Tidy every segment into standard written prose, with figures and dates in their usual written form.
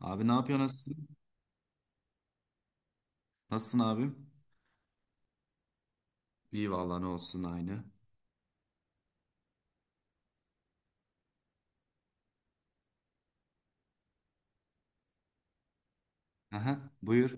Abi ne yapıyorsun? Nasılsın? Nasılsın abim? İyi vallahi ne olsun aynı. Aha, buyur.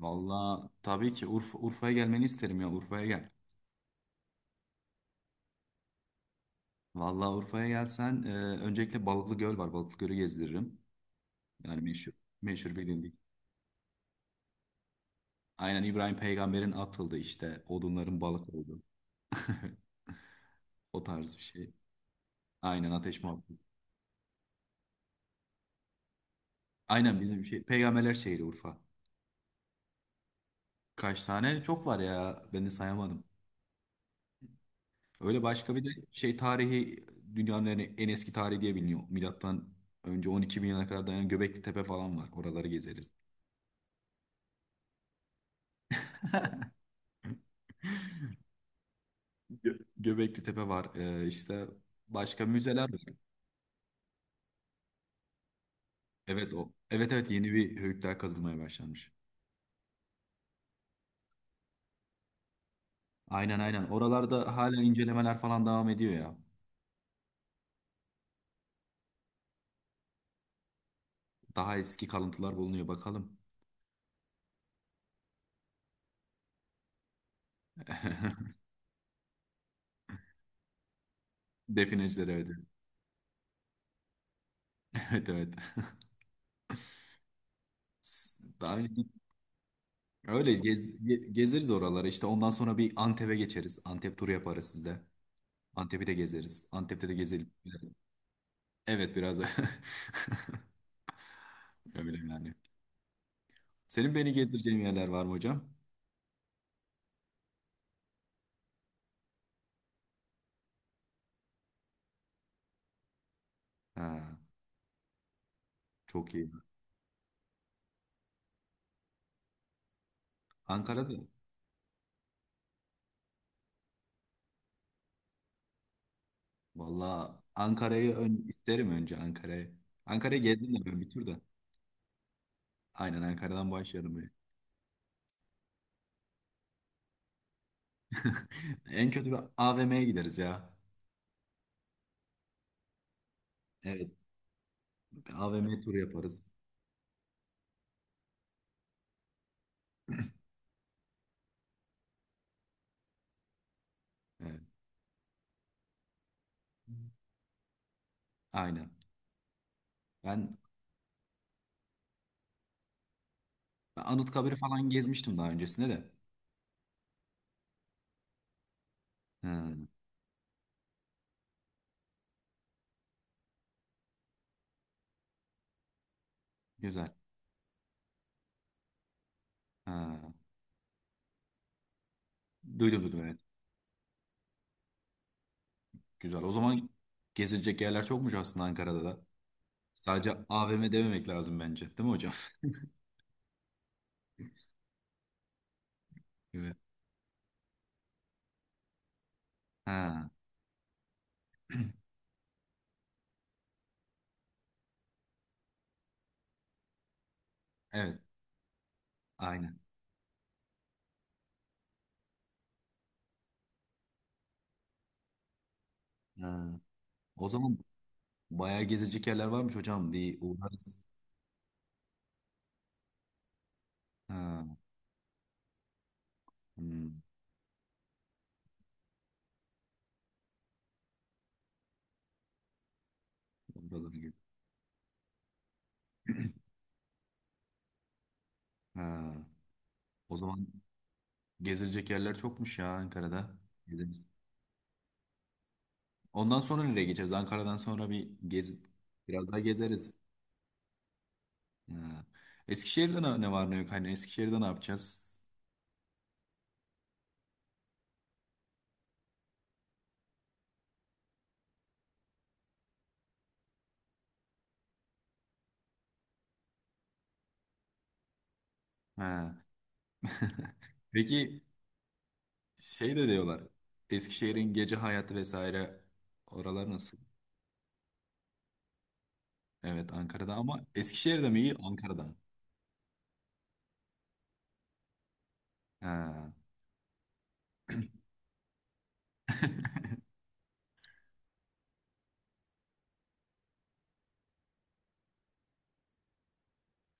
Vallahi tabii ki Urfa, Urfa'ya gelmeni isterim ya, Urfa'ya gel. Vallahi Urfa'ya gelsen öncelikle Balıklı Göl var. Balıklı Göl'ü gezdiririm. Yani meşhur, meşhur bilindik. Aynen İbrahim Peygamber'in atıldı işte. Odunların balık oldu. O tarz bir şey. Aynen ateş muhabbeti. Aynen bizim şey. Peygamberler şehri Urfa. Kaç tane? Çok var ya. Ben de sayamadım. Öyle başka bir de şey tarihi, dünyanın en eski tarihi diye biliniyor. Milattan önce 12 bin yana kadar dayanan Göbekli Tepe falan var. Oraları gezeriz. Göbekli Tepe var. İşte başka müzeler var. Evet o. Evet, yeni bir höyükler kazılmaya başlanmış. Aynen. Oralarda hala incelemeler falan devam ediyor ya. Daha eski kalıntılar bulunuyor bakalım. Defineciler, evet. Evet, evet. S- Daha önce, gezeriz oraları. İşte ondan sonra bir Antep'e geçeriz. Antep turu yaparız sizde. Antep'i de gezeriz. Antep'te de gezelim. Evet, biraz da. Öyle yani. Senin beni gezdireceğin yerler var mı hocam? Ha, çok iyi. Ankara'da. Valla Ankara'yı isterim, önce Ankara'yı. Ankara'yı gezdim de ben bir tur da. Aynen Ankara'dan başlayalım. Bir. En kötü bir AVM'ye gideriz ya. Evet. AVM turu yaparız. Evet. Aynen. Ben Ben Anıtkabir'i falan gezmiştim daha öncesinde de. Ha, güzel. Ha, duydum, evet. Güzel. O zaman gezilecek yerler çokmuş aslında Ankara'da da. Sadece AVM dememek lazım bence. Değil mi hocam? Evet. Ha, evet. Aynen. Ha, o zaman bayağı gezilecek yerler varmış hocam. Bir uğrarız. Ha, hmm, oraları gibi. Ha, o zaman gezilecek yerler çokmuş ya Ankara'da. Gezeriz. Ondan sonra nereye geçeceğiz? Ankara'dan sonra bir gez, biraz daha gezeriz. Ha. Eskişehir'de ne var ne yok? Hani Eskişehir'de ne yapacağız? Ha. Peki şey de diyorlar. Eskişehir'in gece hayatı vesaire oralar nasıl? Evet, Ankara'da, ama Eskişehir'de mi iyi Ankara'da? Ha.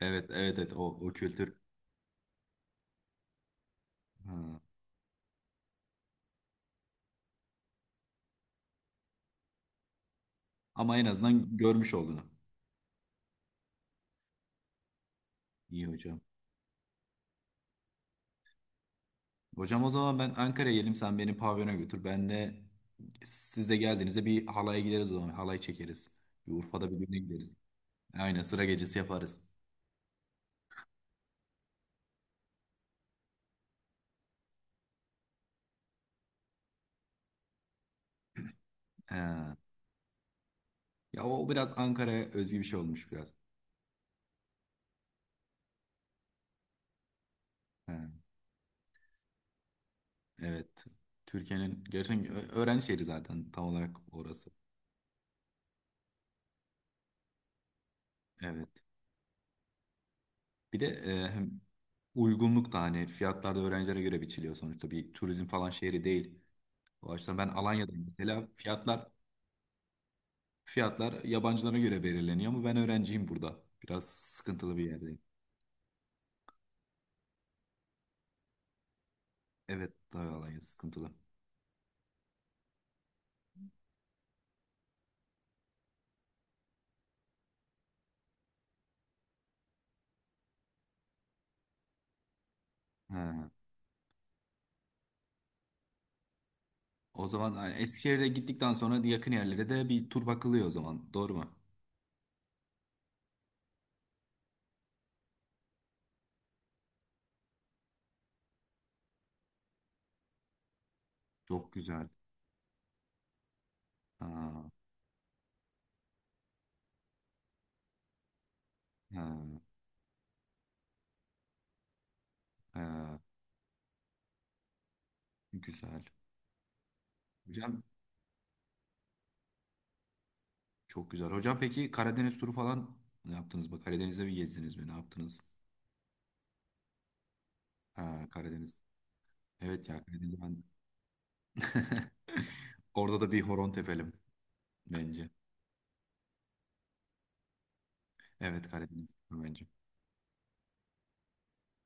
Evet o kültür. Ha. Ama en azından görmüş olduğunu. İyi hocam. Hocam, o zaman ben Ankara'ya gelim, sen beni pavyona götür. Ben de, siz de geldiğinizde bir halaya gideriz o zaman. Halay çekeriz. Bir Urfa'da bir düğüne gideriz. Aynen sıra gecesi yaparız. Ha. Ya o biraz Ankara'ya özgü bir şey olmuş biraz. Ha. Evet. Türkiye'nin gerçekten ö- öğrenci şehri zaten tam olarak orası. Evet. Bir de hem uygunluk da, hani fiyatlar da öğrencilere göre biçiliyor, sonuçta bir turizm falan şehri değil. O açıdan ben Alanya'dayım mesela, fiyatlar yabancılara göre belirleniyor ama ben öğrenciyim burada. Biraz sıkıntılı bir yerdeyim. Evet, daha Alanya sıkıntılı. Ha. O zaman yani Eskişehir'e gittikten sonra yakın yerlere de bir tur bakılıyor o zaman. Doğru mu? Çok güzel. Ha, ha, ha. Güzel. Hocam çok güzel. Hocam peki Karadeniz turu falan ne yaptınız? Bak, Karadeniz'de mi gezdiniz mi? Ne yaptınız? Ha, Karadeniz. Evet ya, Karadeniz ben... Orada da bir horon tepelim bence. Evet, Karadeniz bence.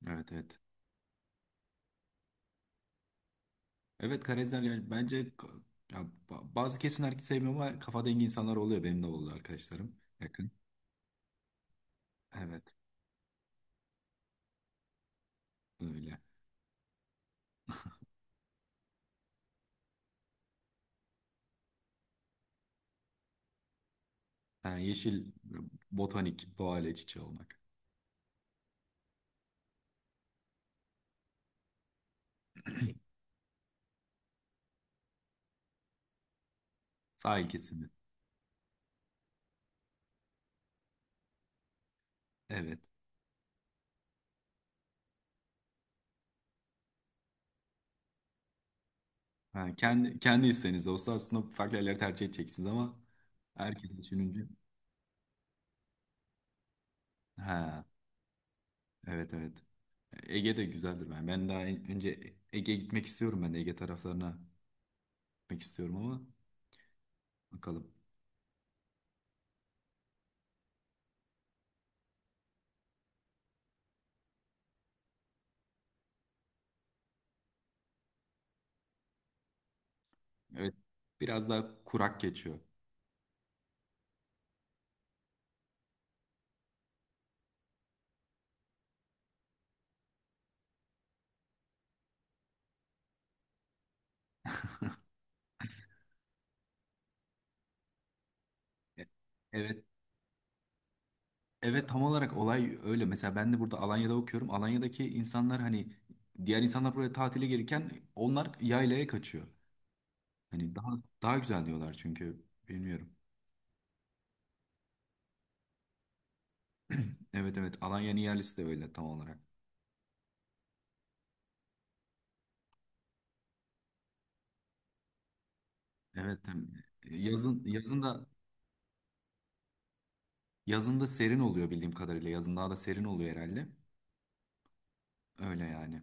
Evet, evet. Evet Karadenizler yani bence ka-, ya, ba- bazı kesim herkes sevmiyor ama kafa dengi insanlar oluyor. Benim de oldu arkadaşlarım yakın. Evet öyle. Ha, yeşil botanik doğayla iç içe olmak. Sahil kesimi. Evet. Ha, kendi isteğiniz olsa aslında farklı yerleri tercih edeceksiniz ama herkes düşününce. Ha, evet, evet. Ege de güzeldir ben. Ben daha en- önce Ege'ye gitmek istiyorum, ben de Ege taraflarına gitmek istiyorum ama bakalım. Evet, biraz daha kurak geçiyor. E- Evet. Evet tam olarak olay öyle. Mesela ben de burada Alanya'da okuyorum. Alanya'daki insanlar hani, diğer insanlar buraya tatile gelirken onlar yaylaya kaçıyor. Hani daha güzel diyorlar çünkü bilmiyorum. Evet, evet, Alanya'nın yerlisi de öyle tam olarak. Evet hem yazın da, yazın da serin oluyor bildiğim kadarıyla. Yazın daha da serin oluyor herhalde. Öyle yani.